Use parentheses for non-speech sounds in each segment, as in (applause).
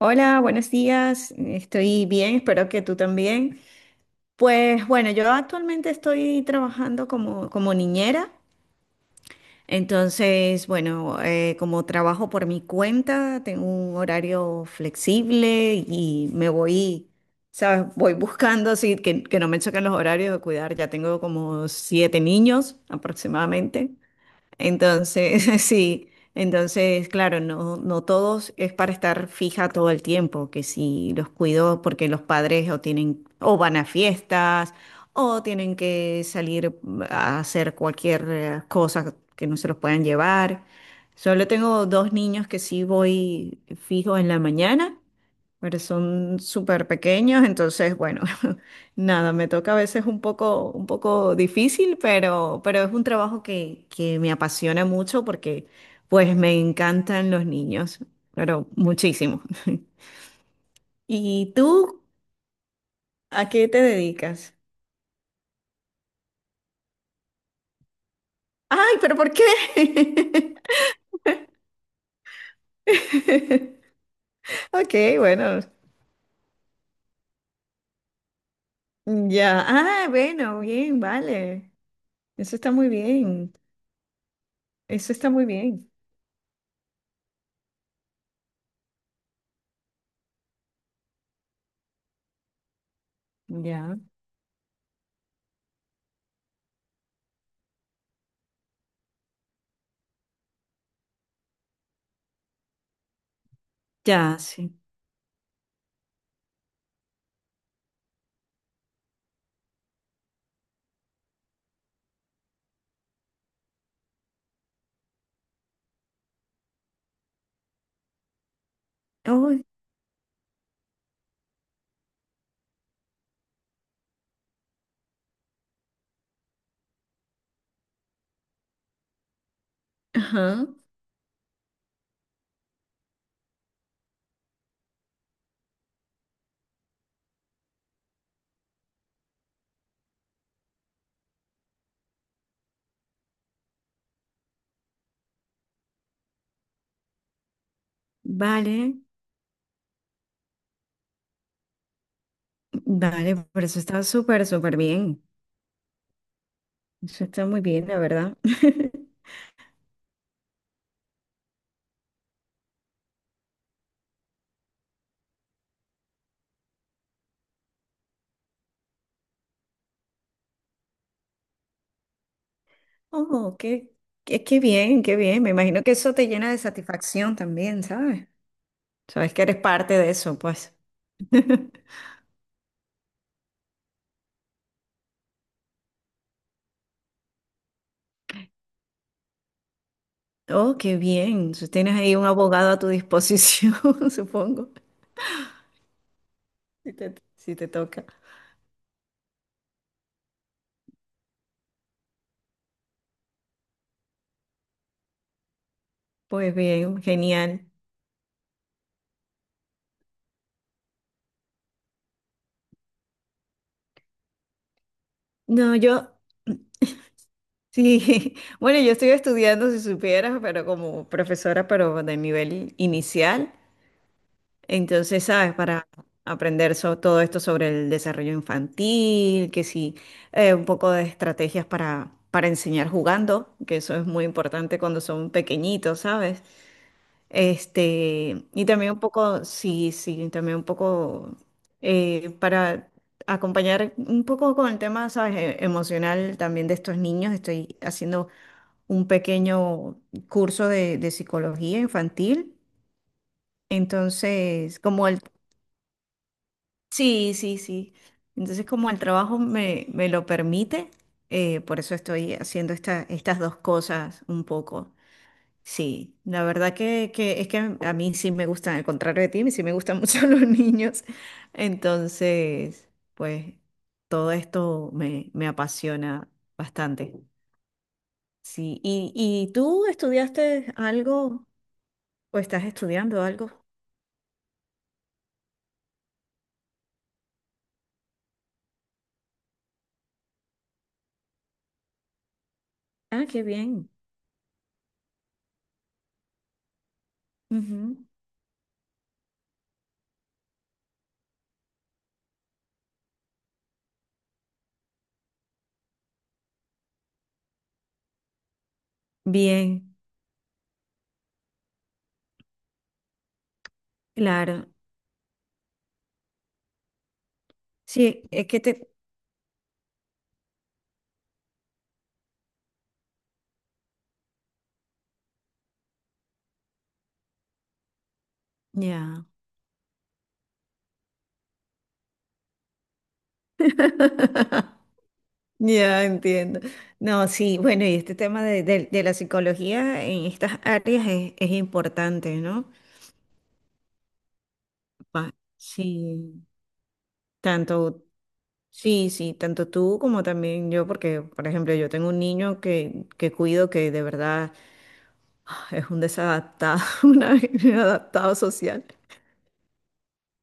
Hola, buenos días. Estoy bien, espero que tú también. Pues bueno, yo actualmente estoy trabajando como, como niñera. Entonces, bueno, como trabajo por mi cuenta, tengo un horario flexible y me voy, ¿sabes? Voy buscando así que no me choquen los horarios de cuidar. Ya tengo como siete niños aproximadamente. Entonces, (laughs) sí, entonces, claro, no, no todos es para estar fija todo el tiempo, que si los cuido porque los padres o tienen, o van a fiestas, o tienen que salir a hacer cualquier cosa que no se los puedan llevar. Solo tengo dos niños que sí voy fijo en la mañana, pero son súper pequeños, entonces, bueno, (laughs) nada, me toca a veces un poco difícil, pero es un trabajo que me apasiona mucho porque pues me encantan los niños, pero muchísimo. (laughs) ¿Y tú a qué te dedicas? Ay, pero ¿por qué? (laughs) Ok, bueno, ya. Ah, bueno, bien, vale. Eso está muy bien. Eso está muy bien. Ya. Ya, sí. Oh, ajá. Vale, vale, pero eso está súper, súper bien. Eso está muy bien, la verdad. (laughs) Oh, qué, qué, qué bien, qué bien. Me imagino que eso te llena de satisfacción también, ¿sabes? Sabes que eres parte de eso, pues. (laughs) Oh, qué bien. Entonces, tienes ahí un abogado a tu disposición, (laughs) supongo, si te, si te toca. Pues bien, genial. No, yo, sí, (laughs) bueno, yo estoy estudiando, si supieras, pero como profesora, pero de nivel inicial. Entonces, ¿sabes? Para aprender todo esto sobre el desarrollo infantil, que sí, un poco de estrategias para enseñar jugando, que eso es muy importante cuando son pequeñitos, ¿sabes? Este, y también un poco, sí, sí, también un poco para acompañar un poco con el tema, ¿sabes? Emocional también de estos niños. Estoy haciendo un pequeño curso de psicología infantil. Entonces, como el... Sí, sí, sí. Entonces, como el trabajo me, me lo permite, por eso estoy haciendo estas dos cosas un poco. Sí, la verdad que es que a mí sí me gustan, al contrario de ti, sí me gustan (laughs) mucho los niños. Entonces, pues todo esto me, me apasiona bastante. Sí, y tú estudiaste algo o estás estudiando algo? Ah, qué bien. Ujú. Bien, claro. Sí, es que te... Ya. (laughs) Ya entiendo. No, sí, bueno, y este tema de, de la psicología en estas áreas es importante, ¿no? Sí, tanto, sí, sí, tanto tú como también yo, porque, por ejemplo, yo tengo un niño que cuido que de verdad es un desadaptado, (laughs) un inadaptado social.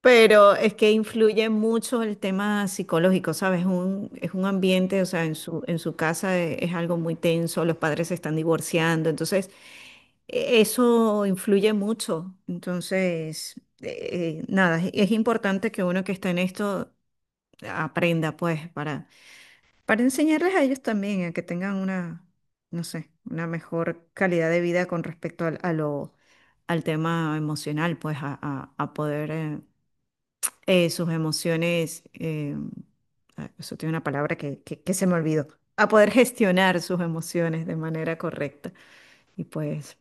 Pero es que influye mucho el tema psicológico, ¿sabes? Un, es un ambiente, o sea, en su casa es, algo muy tenso, los padres se están divorciando, entonces eso influye mucho. Entonces, eh, nada, es importante que uno que está en esto aprenda, pues, para enseñarles a ellos también, a que tengan una, no sé, una mejor calidad de vida con respecto al, a lo, al tema emocional, pues, a, a poder... sus emociones, eso tiene una palabra que, que se me olvidó, a poder gestionar sus emociones de manera correcta. Y pues,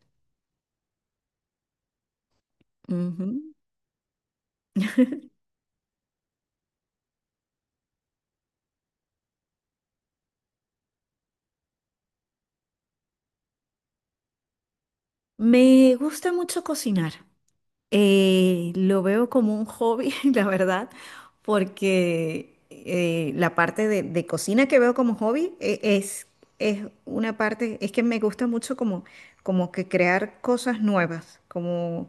ujú. Me gusta mucho cocinar. Lo veo como un hobby, (laughs) la verdad, porque la parte de cocina que veo como hobby es... es una parte, es que me gusta mucho como, como que crear cosas nuevas, como,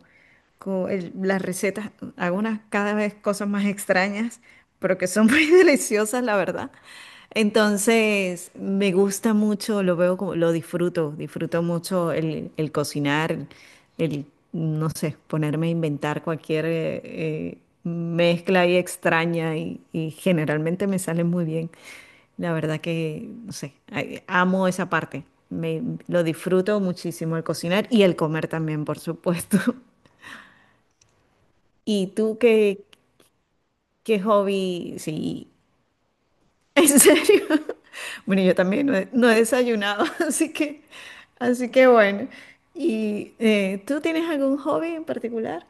las recetas, hago unas cada vez cosas más extrañas, pero que son (laughs) muy deliciosas, la verdad. Entonces, me gusta mucho, lo veo como, lo disfruto, disfruto mucho el cocinar, el, no sé, ponerme a inventar cualquier mezcla ahí extraña y generalmente me sale muy bien. La verdad que, no sé, ay, amo esa parte. Me, lo disfruto muchísimo el cocinar y el comer también, por supuesto. (laughs) ¿Y tú qué, qué hobby? Sí, (laughs) en serio. Bueno, yo también no he, no he desayunado, (laughs) así que bueno. ¿Y tú tienes algún hobby en particular?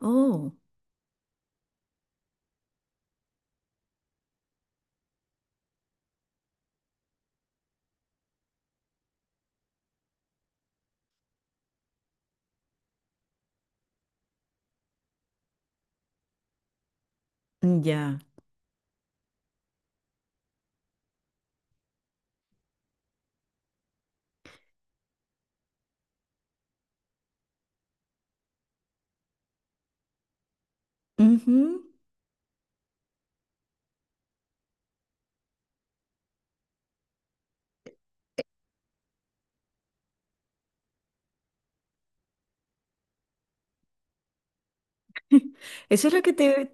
Oh, ya. Ujú. (laughs) Eso es lo que te...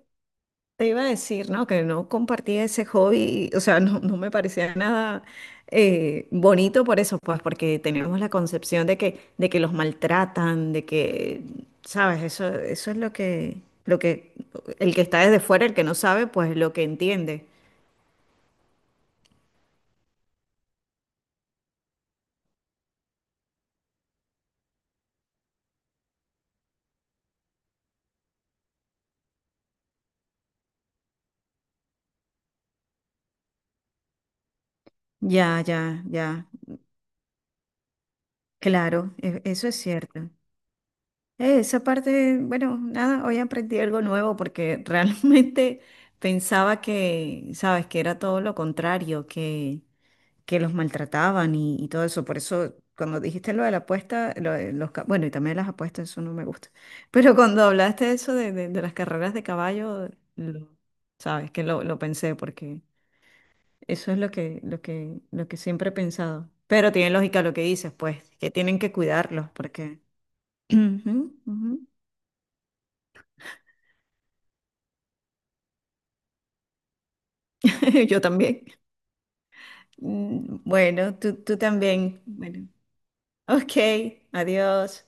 Te iba a decir, ¿no? Que no compartía ese hobby, o sea, no, no me parecía nada bonito por eso, pues, porque teníamos la concepción de que los maltratan, de que, ¿sabes? Eso es lo que, el que está desde fuera, el que no sabe, pues lo que entiende. Ya, ya, ya, claro, eso es cierto. Esa parte, bueno, nada, hoy aprendí algo nuevo porque (laughs) realmente pensaba que, ¿sabes? Que era todo lo contrario, que los maltrataban y todo eso. Por eso, cuando dijiste lo de la apuesta, lo de los, ca-, bueno, y también las apuestas, eso no me gusta. (laughs) Pero cuando hablaste de eso de, de las carreras de caballo, lo- sabes que lo pensé porque eso es lo que, lo que, lo que siempre he pensado. Pero tiene lógica lo que dices, pues, que tienen que cuidarlos porque... (clears throat) Ujú, ujú. (laughs) Yo también. Bueno, tú también. Bueno, ok, adiós.